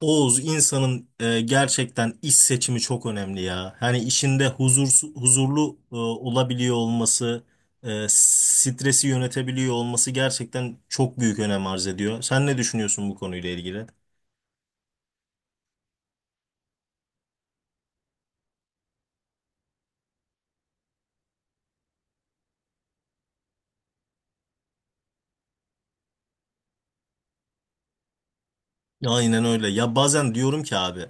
Oğuz insanın gerçekten iş seçimi çok önemli ya. Hani işinde huzurlu olabiliyor olması, stresi yönetebiliyor olması gerçekten çok büyük önem arz ediyor. Sen ne düşünüyorsun bu konuyla ilgili? Aynen öyle. Ya bazen diyorum ki abi,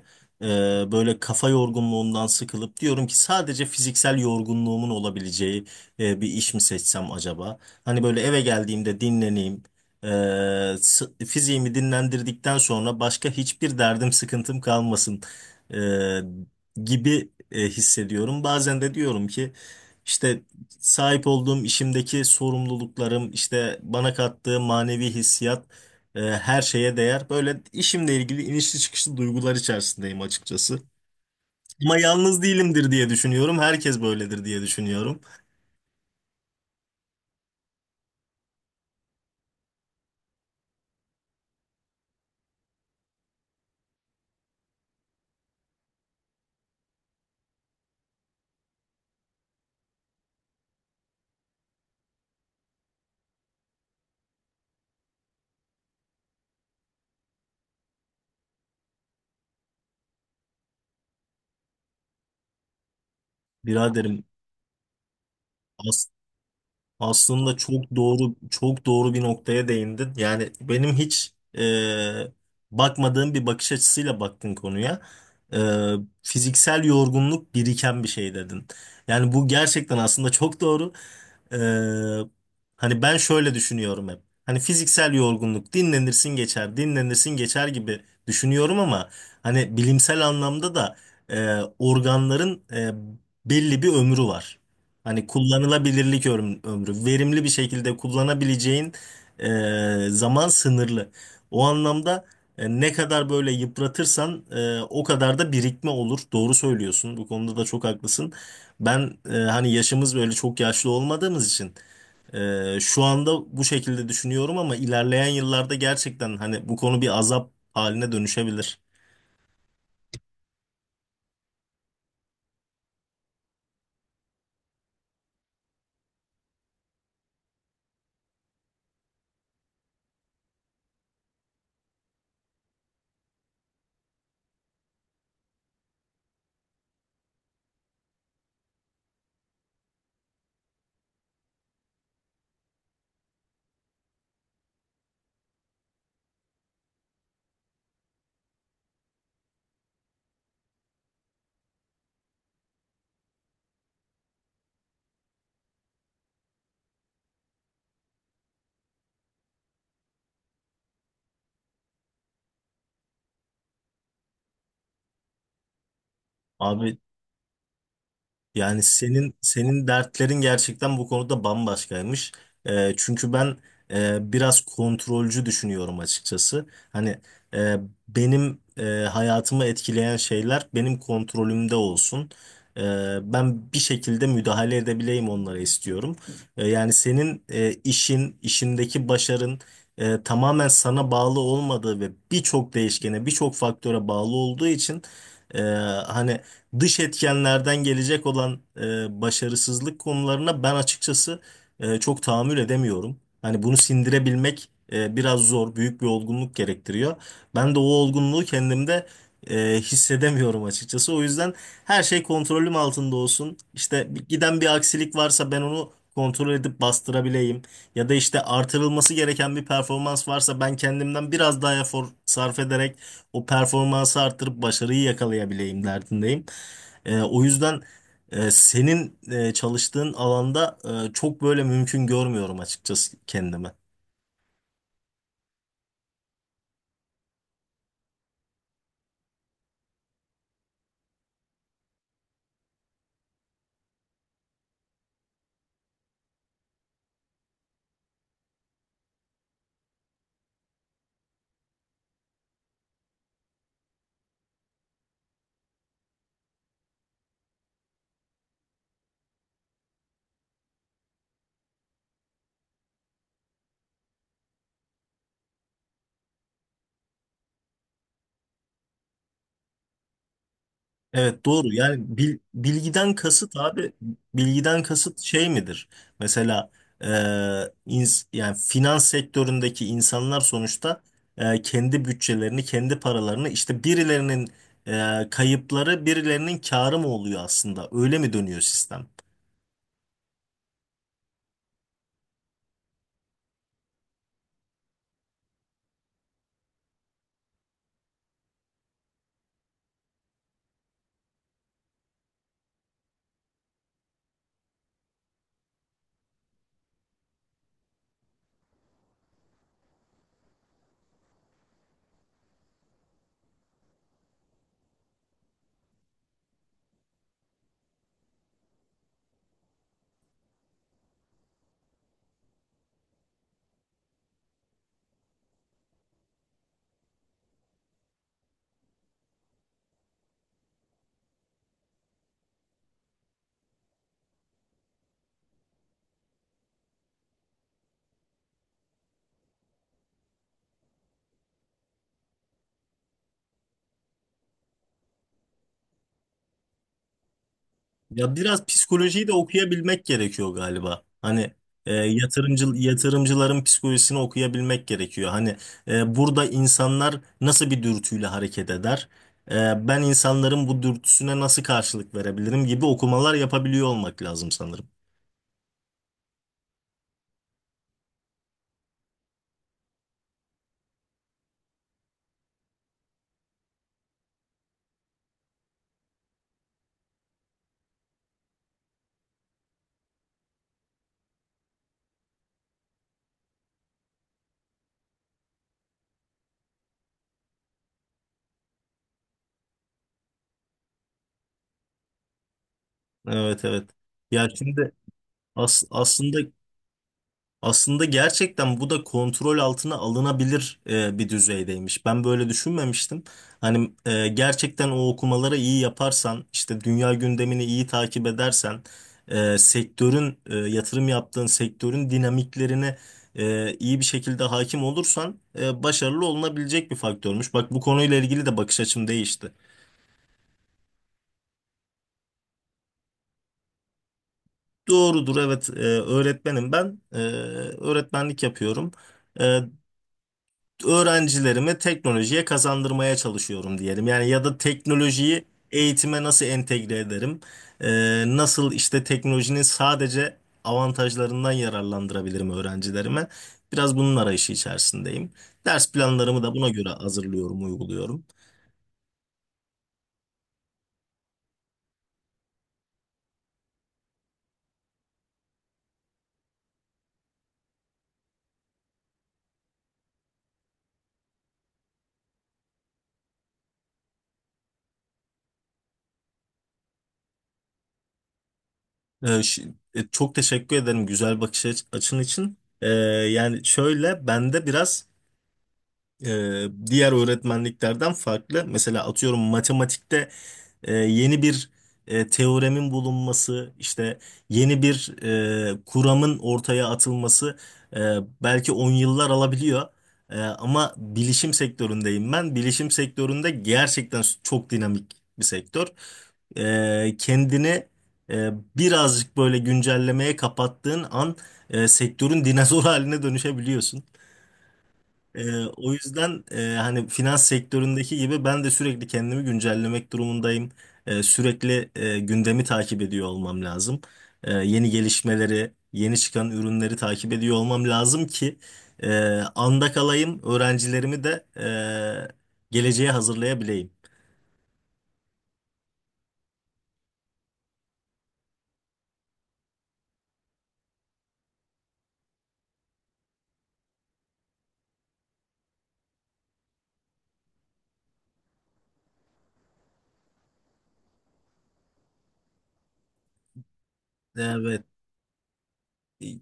böyle kafa yorgunluğundan sıkılıp diyorum ki sadece fiziksel yorgunluğumun olabileceği bir iş mi seçsem acaba? Hani böyle eve geldiğimde dinleneyim. Fiziğimi dinlendirdikten sonra başka hiçbir derdim sıkıntım kalmasın e, gibi hissediyorum. Bazen de diyorum ki işte sahip olduğum işimdeki sorumluluklarım işte bana kattığı manevi hissiyat her şeye değer. Böyle işimle ilgili inişli çıkışlı duygular içerisindeyim açıkçası. Ama yalnız değilimdir diye düşünüyorum. Herkes böyledir diye düşünüyorum. Biraderim. Aslında çok doğru çok doğru bir noktaya değindin. Yani benim hiç e, bakmadığım bir bakış açısıyla baktın konuya. E, Fiziksel yorgunluk biriken bir şey dedin. Yani bu gerçekten aslında çok doğru. E, Hani ben şöyle düşünüyorum hep. Hani fiziksel yorgunluk dinlenirsin geçer, dinlenirsin geçer gibi düşünüyorum ama hani bilimsel anlamda da organların belli bir ömrü var. Hani kullanılabilirlik ömrü, verimli bir şekilde kullanabileceğin e, zaman sınırlı. O anlamda ne kadar böyle yıpratırsan o kadar da birikme olur. Doğru söylüyorsun. Bu konuda da çok haklısın. Ben hani yaşımız böyle çok yaşlı olmadığımız için şu anda bu şekilde düşünüyorum ama ilerleyen yıllarda gerçekten hani bu konu bir azap haline dönüşebilir. Abi. Yani senin dertlerin gerçekten bu konuda bambaşkaymış. Çünkü ben biraz kontrolcü düşünüyorum açıkçası. Hani e, benim hayatımı etkileyen şeyler benim kontrolümde olsun. Ee, Ben bir şekilde müdahale edebileyim onlara istiyorum. Yani senin işin, işindeki başarın tamamen sana bağlı olmadığı ve birçok değişkene, birçok faktöre bağlı olduğu için e, hani dış etkenlerden gelecek olan başarısızlık konularına ben açıkçası çok tahammül edemiyorum. Hani bunu sindirebilmek biraz zor, büyük bir olgunluk gerektiriyor. Ben de o olgunluğu kendimde hissedemiyorum açıkçası. O yüzden her şey kontrolüm altında olsun. İşte giden bir aksilik varsa ben onu kontrol edip bastırabileyim. Ya da işte artırılması gereken bir performans varsa ben kendimden biraz daha efor sarf ederek o performansı arttırıp başarıyı yakalayabileyim derdindeyim. O yüzden senin çalıştığın alanda çok böyle mümkün görmüyorum açıkçası kendime. Evet doğru, yani bilgiden kasıt abi, bilgiden kasıt şey midir? Mesela e, yani finans sektöründeki insanlar sonuçta kendi bütçelerini kendi paralarını işte birilerinin kayıpları birilerinin kârı mı oluyor, aslında öyle mi dönüyor sistem? Ya biraz psikolojiyi de okuyabilmek gerekiyor galiba. Hani yatırımcıların psikolojisini okuyabilmek gerekiyor. Hani burada insanlar nasıl bir dürtüyle hareket eder? Ben insanların bu dürtüsüne nasıl karşılık verebilirim gibi okumalar yapabiliyor olmak lazım sanırım. Evet, evet. Ya şimdi, as- aslında aslında gerçekten bu da kontrol altına alınabilir bir düzeydeymiş. Ben böyle düşünmemiştim. Hani gerçekten o okumaları iyi yaparsan, işte dünya gündemini iyi takip edersen, yatırım yaptığın sektörün dinamiklerine iyi bir şekilde hakim olursan başarılı olunabilecek bir faktörmüş. Bak bu konuyla ilgili de bakış açım değişti. Doğrudur, evet, öğretmenim ben. Öğretmenlik yapıyorum. E, Öğrencilerimi teknolojiye kazandırmaya çalışıyorum diyelim. Yani ya da teknolojiyi eğitime nasıl entegre ederim? Nasıl işte teknolojinin sadece avantajlarından yararlandırabilirim öğrencilerime? Biraz bunun arayışı içerisindeyim. Ders planlarımı da buna göre hazırlıyorum, uyguluyorum. Ee, ş- Çok teşekkür ederim güzel bakış açın için. Yani şöyle bende biraz diğer öğretmenliklerden farklı. Mesela atıyorum matematikte yeni bir teoremin bulunması, işte yeni bir kuramın ortaya atılması e, belki 10 yıllar alabiliyor. Ama bilişim sektöründeyim ben. Bilişim sektöründe gerçekten çok dinamik bir sektör. Kendini e, birazcık böyle güncellemeye kapattığın an sektörün dinozor haline dönüşebiliyorsun. O yüzden hani finans sektöründeki gibi ben de sürekli kendimi güncellemek durumundayım. Sürekli gündemi takip ediyor olmam lazım. Yeni gelişmeleri, yeni çıkan ürünleri takip ediyor olmam lazım ki e, anda kalayım, öğrencilerimi de geleceğe hazırlayabileyim. Evet, e,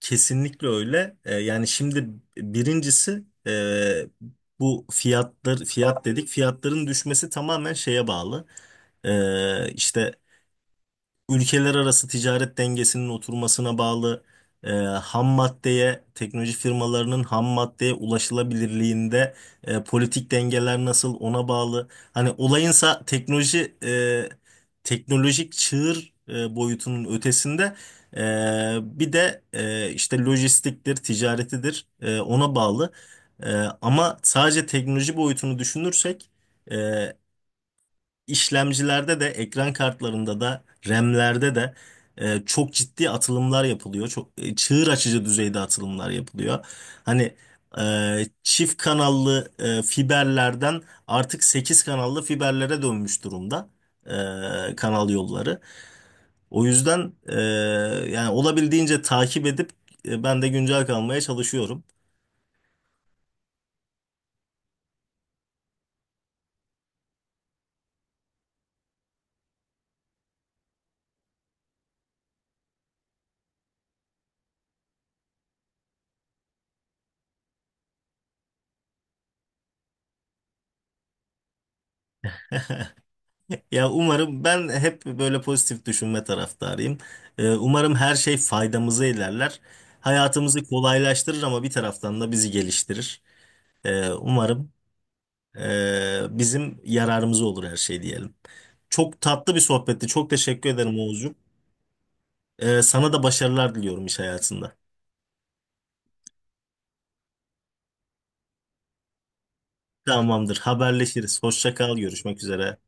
kesinlikle öyle. Yani şimdi birincisi bu fiyatlar, fiyat dedik. Fiyatların düşmesi tamamen şeye bağlı. İşte ülkeler arası ticaret dengesinin oturmasına bağlı, ham maddeye, teknoloji firmalarının ham maddeye ulaşılabilirliğinde politik dengeler nasıl ona bağlı. Hani olayınsa teknolojik çığır boyutunun ötesinde e, bir de işte lojistiktir, ticaretidir, ona bağlı. E, Ama sadece teknoloji boyutunu düşünürsek e, işlemcilerde de ekran kartlarında da RAM'lerde de çok ciddi atılımlar yapılıyor. Çok çığır açıcı düzeyde atılımlar yapılıyor. Hani çift kanallı fiberlerden artık 8 kanallı fiberlere dönmüş durumda kanal yolları. O yüzden yani olabildiğince takip edip ben de güncel kalmaya çalışıyorum. Ya umarım, ben hep böyle pozitif düşünme taraftarıyım. Umarım her şey faydamıza ilerler. Hayatımızı kolaylaştırır ama bir taraftan da bizi geliştirir. Umarım bizim yararımıza olur her şey diyelim. Çok tatlı bir sohbetti. Çok teşekkür ederim Oğuzcuğum. Sana da başarılar diliyorum iş hayatında. Tamamdır. Haberleşiriz. Hoşça kal. Görüşmek üzere.